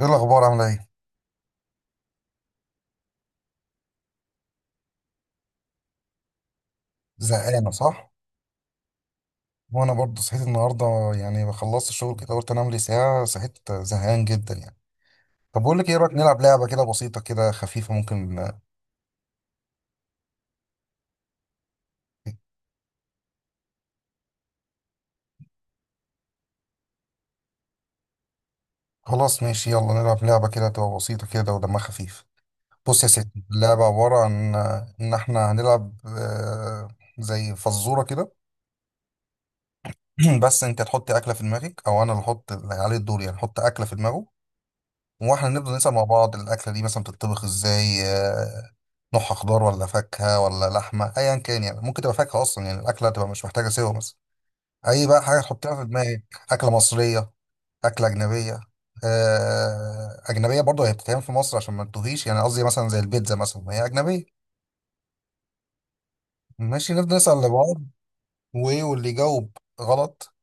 ايه الاخبار، عامله ايه؟ زهقانه، صح؟ وانا برضه صحيت النهارده. يعني خلصت الشغل كده قلت انام لي ساعه، صحيت زهقان جدا يعني. طب بقول لك ايه، إيه رايك نلعب لعبه كده بسيطه كده خفيفه، ممكن؟ خلاص، ماشي، يلا نلعب لعبه كده تبقى بسيطه كده ودمها خفيف. بص يا ستي، اللعبه عباره عن ان احنا هنلعب، زي فزوره كده. بس انت تحط اكله في دماغك او انا اللي احط، اللي عليه الدور يعني احط اكله في دماغه. واحنا نفضل نسأل مع بعض، الأكلة دي مثلا بتطبخ ازاي؟ نوعها خضار ولا فاكهة ولا لحمة؟ أيا كان يعني، ممكن تبقى فاكهة أصلا، يعني الأكلة تبقى مش محتاجة سوا، مثلا أي بقى حاجة تحطها في دماغك. أكلة مصرية، أكلة أجنبية. أجنبية برضه هي بتتعمل في مصر عشان ما تتوهيش، يعني قصدي مثلا زي البيتزا مثلا ما هي أجنبية. ماشي، نفضل نسأل لبعض. وإيه، واللي يجاوب غلط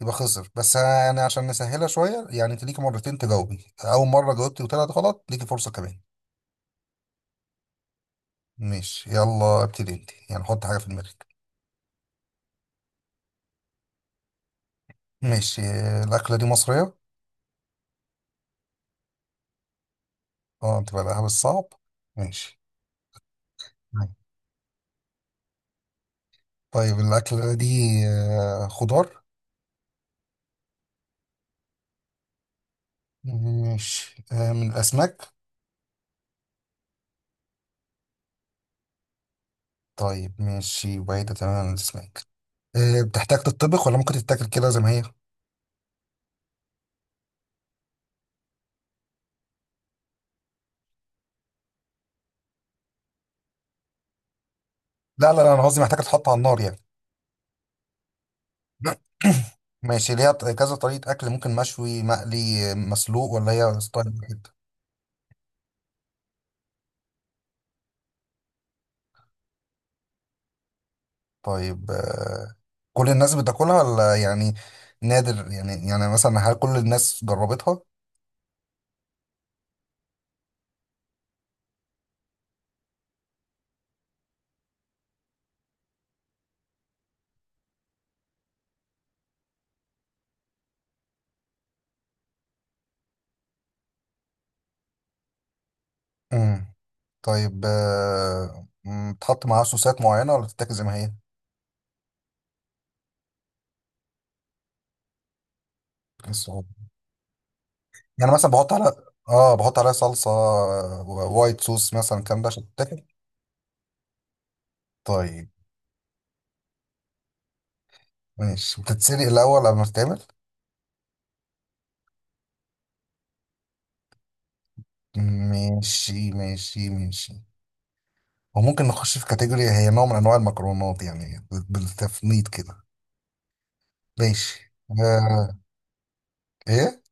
يبقى خسر. بس يعني عشان نسهلها شوية، يعني أنت ليكي مرتين تجاوبي، أول مرة جاوبتي وطلعت غلط ليكي فرصة كمان. ماشي، يلا ابتدي انت، يعني حط حاجة في دماغك. ماشي. الأكلة دي مصرية؟ اه، تبقى لها بالصعب. ماشي. تمام. طيب الأكلة دي خضار؟ ماشي. من الأسماك؟ طيب ماشي، بعيدة تماما عن الأسماك. بتحتاج تتطبخ ولا ممكن تتاكل كده زي ما هي؟ لا لا لا، أنا قصدي محتاجة تتحط على النار يعني. ماشي، ليها كذا طريقة أكل، ممكن مشوي، مقلي، مسلوق، ولا هي ستايل واحد؟ طيب. كل الناس بتاكلها ولا يعني نادر؟ يعني مثلا هل كل الناس جربتها؟ امم. طيب، بتحط معاها صوصات معينة ولا بتتاكل زي ما هي؟ إيه الصعوبة؟ يعني مثلا بحط على اه بحط عليها صلصة، وايت صوص مثلا، الكلام ده عشان تتاكل. طيب. ماشي، بتتسلق الأول قبل ما تتعمل؟ ماشي ماشي ماشي. وممكن نخش في كاتيجوري، هي نوع من أنواع المكرونات يعني بالتفنيد كده. ماشي. آه. ايه؟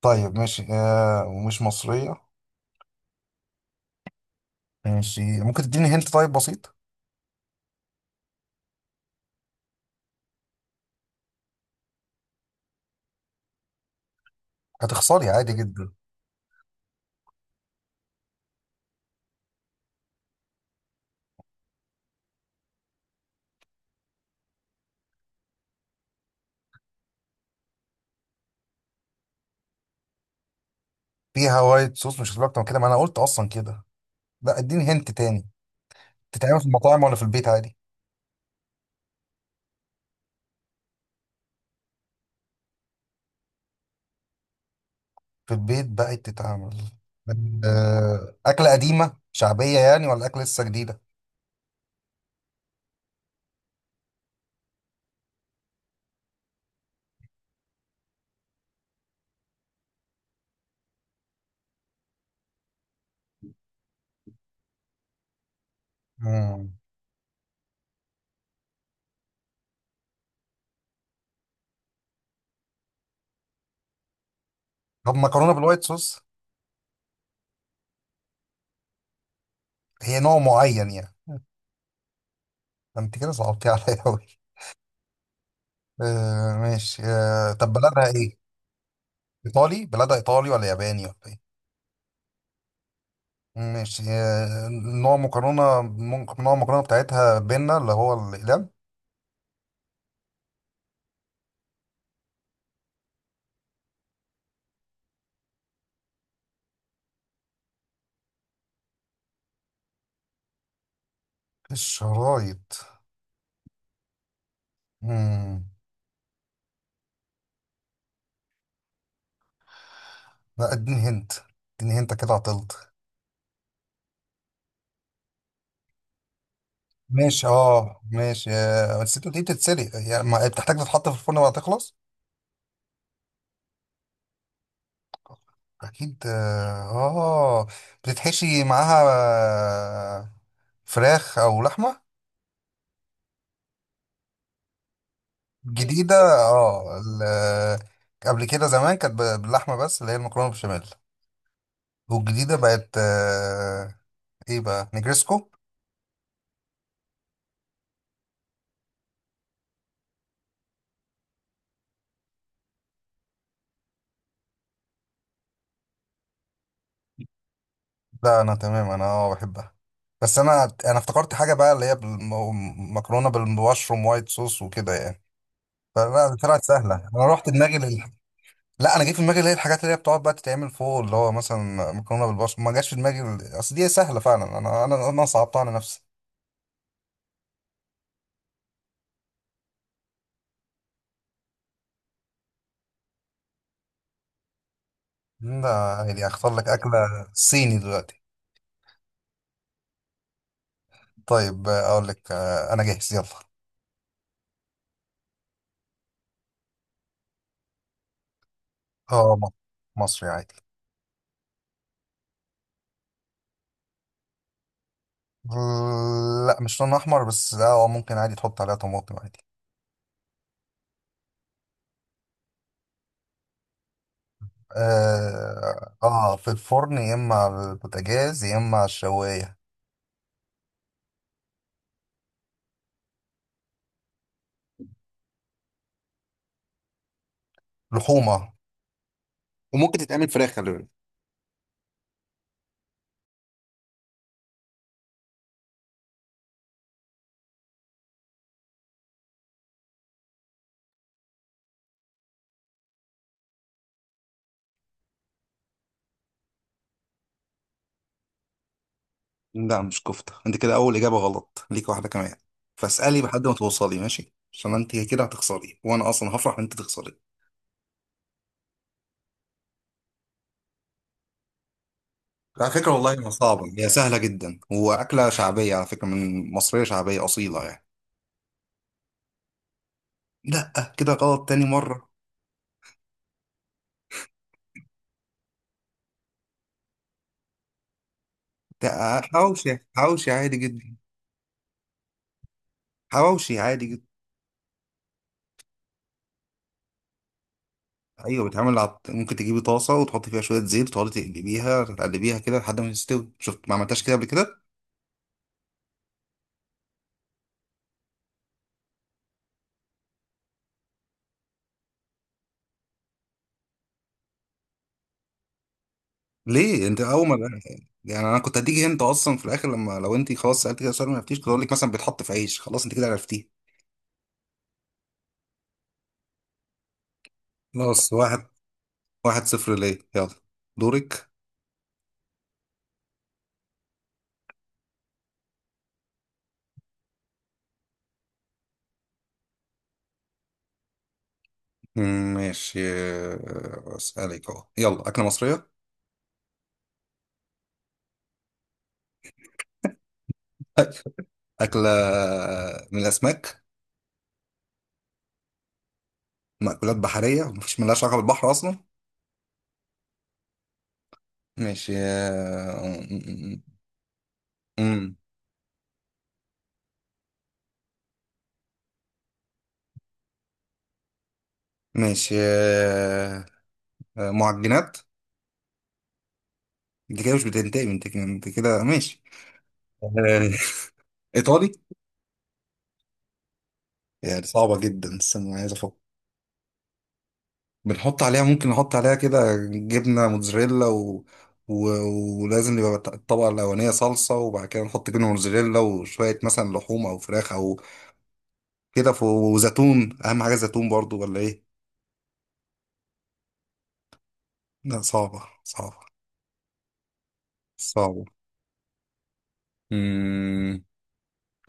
طيب ماشي، ومش مصرية. ماشي، ممكن تديني هنت، طيب بسيط. هتخسري عادي جدا. فيها وايت صوص، مش هتبقى اكتر من كده، ما انا قلت اصلا كده. لا، اديني هنت تاني. تتعمل في المطاعم ولا في البيت عادي؟ في البيت بقت تتعمل. أكلة قديمة شعبية يعني، ولا أكلة لسه جديدة؟ مم. طب مكرونة بالوايت صوص؟ هي نوع معين يعني؟ ده انت كده صعبتي عليا أوي. ماشي. طب بلدها ايه؟ ايطالي؟ بلدها ايطالي ولا ياباني ولا إيه؟ ماشي. نوع مكرونة، ممكن نوع المكرونة بتاعتها بينا اللي هو الإقلام؟ الشرايط. مم. لا، اديني هنت. اديني هنت، كده عطلت. ماشي ماشي، بس انت دي بتتسلق يعني، بتحتاج تتحط في الفرن بعد تخلص. اكيد، اه، آه. بتتحشي معاها آه، فراخ او لحمة. جديدة. اه ال- قبل كده زمان كانت باللحمة، بس اللي هي المكرونة بالبشاميل. والجديدة بقت، ايه بقى، نجرسكو. لا، انا تمام، انا بحبها. بس انا افتكرت حاجه بقى اللي هي مكرونه بالمشروم وايت صوص وكده يعني، فلا طلعت سهله، انا رحت دماغي لا، انا جه في دماغي اللي هي الحاجات اللي هي بتقعد بقى تتعمل فوق، اللي هو مثلا مكرونه بالبشاميل، ما جاش في دماغي اصل دي سهله فعلا، انا صعبتها على نفسي. لا يعني اختار لك اكله صيني دلوقتي. طيب، اقول لك، انا جاهز يلا. مصري عادي. لا مش لون احمر، بس ممكن عادي تحط عليها طماطم عادي. في الفرن، يا اما على البوتاجاز، يا اما على الشوايه. لحومه. وممكن تتعمل فراخ، خلي بالك. لا مش كفته، انت كده اول اجابه غلط، ليك واحده كمان. فاسالي لحد ما توصلي ماشي، عشان انت كده هتخسري وانا اصلا هفرح ان انت تخسري. على فكره والله ما صعبه، هي سهله جدا واكله شعبيه، على فكره من مصريه شعبيه اصيله يعني. لا كده غلط تاني مره. ده حواوشي، حواوشي عادي جدا. حواوشي عادي جدا. ايوه، بيتعمل ممكن تجيبي طاسه وتحطي فيها شويه زيت، وتقعدي تقلبيها تقلبيها كده لحد ما تستوي. شفت؟ ما عملتهاش كده قبل كده. ليه؟ انت اول ما يعني انا كنت هديكي انت اصلا في الاخر، لما لو انت خلاص سالت كده سؤال ما عرفتيش، كنت اقول لك مثلا بيتحط في عيش، خلاص انت كده عرفتيه. خلاص، واحد. 1-0، ليه، يلا. دورك. ماشي، اسالك اهو، يلا اكله مصريه. اكله من الاسماك؟ مأكولات بحريه؟ ملهاش علاقه بالبحر اصلا. ماشي مم، مم، مم. ماشي، آه، معجنات. دي كده مش بتنتهي من تكنيك، انت كده ماشي. آه، ايطالي. يعني صعبة جدا، استنى عايز افكر. بنحط عليها ممكن نحط عليها كده جبنة موتزاريلا و... ولازم يبقى الطبقة الأولانية صلصة، وبعد كده نحط جبنة موتزاريلا وشوية مثلا لحوم أو فراخ أو كده وزيتون، أهم حاجة زيتون برضو، ولا إيه؟ لا صعبة صعبة، صعبة. مم...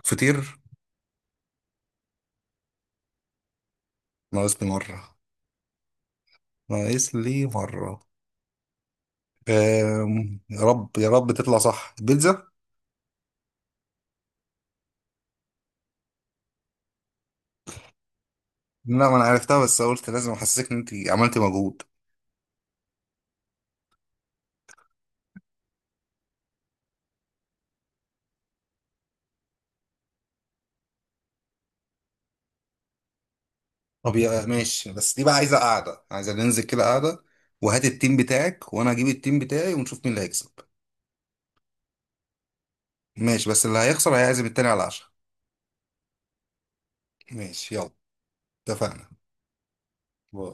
فطير. ناقص لي مرة، ناقص لي مرة. يا رب يا رب تطلع صح، البيتزا. لا ما انا عرفتها، بس قلت لازم احسسك ان انت عملتي مجهود. طب يا ماشي، بس دي بقى عايزه قاعده، عايزه ننزل كده قاعده، وهات التيم بتاعك وانا هجيب التيم بتاعي ونشوف مين اللي هيكسب. ماشي، بس اللي هيخسر هيعزم التاني على العشاء. ماشي يلا. اتفقنا. باي.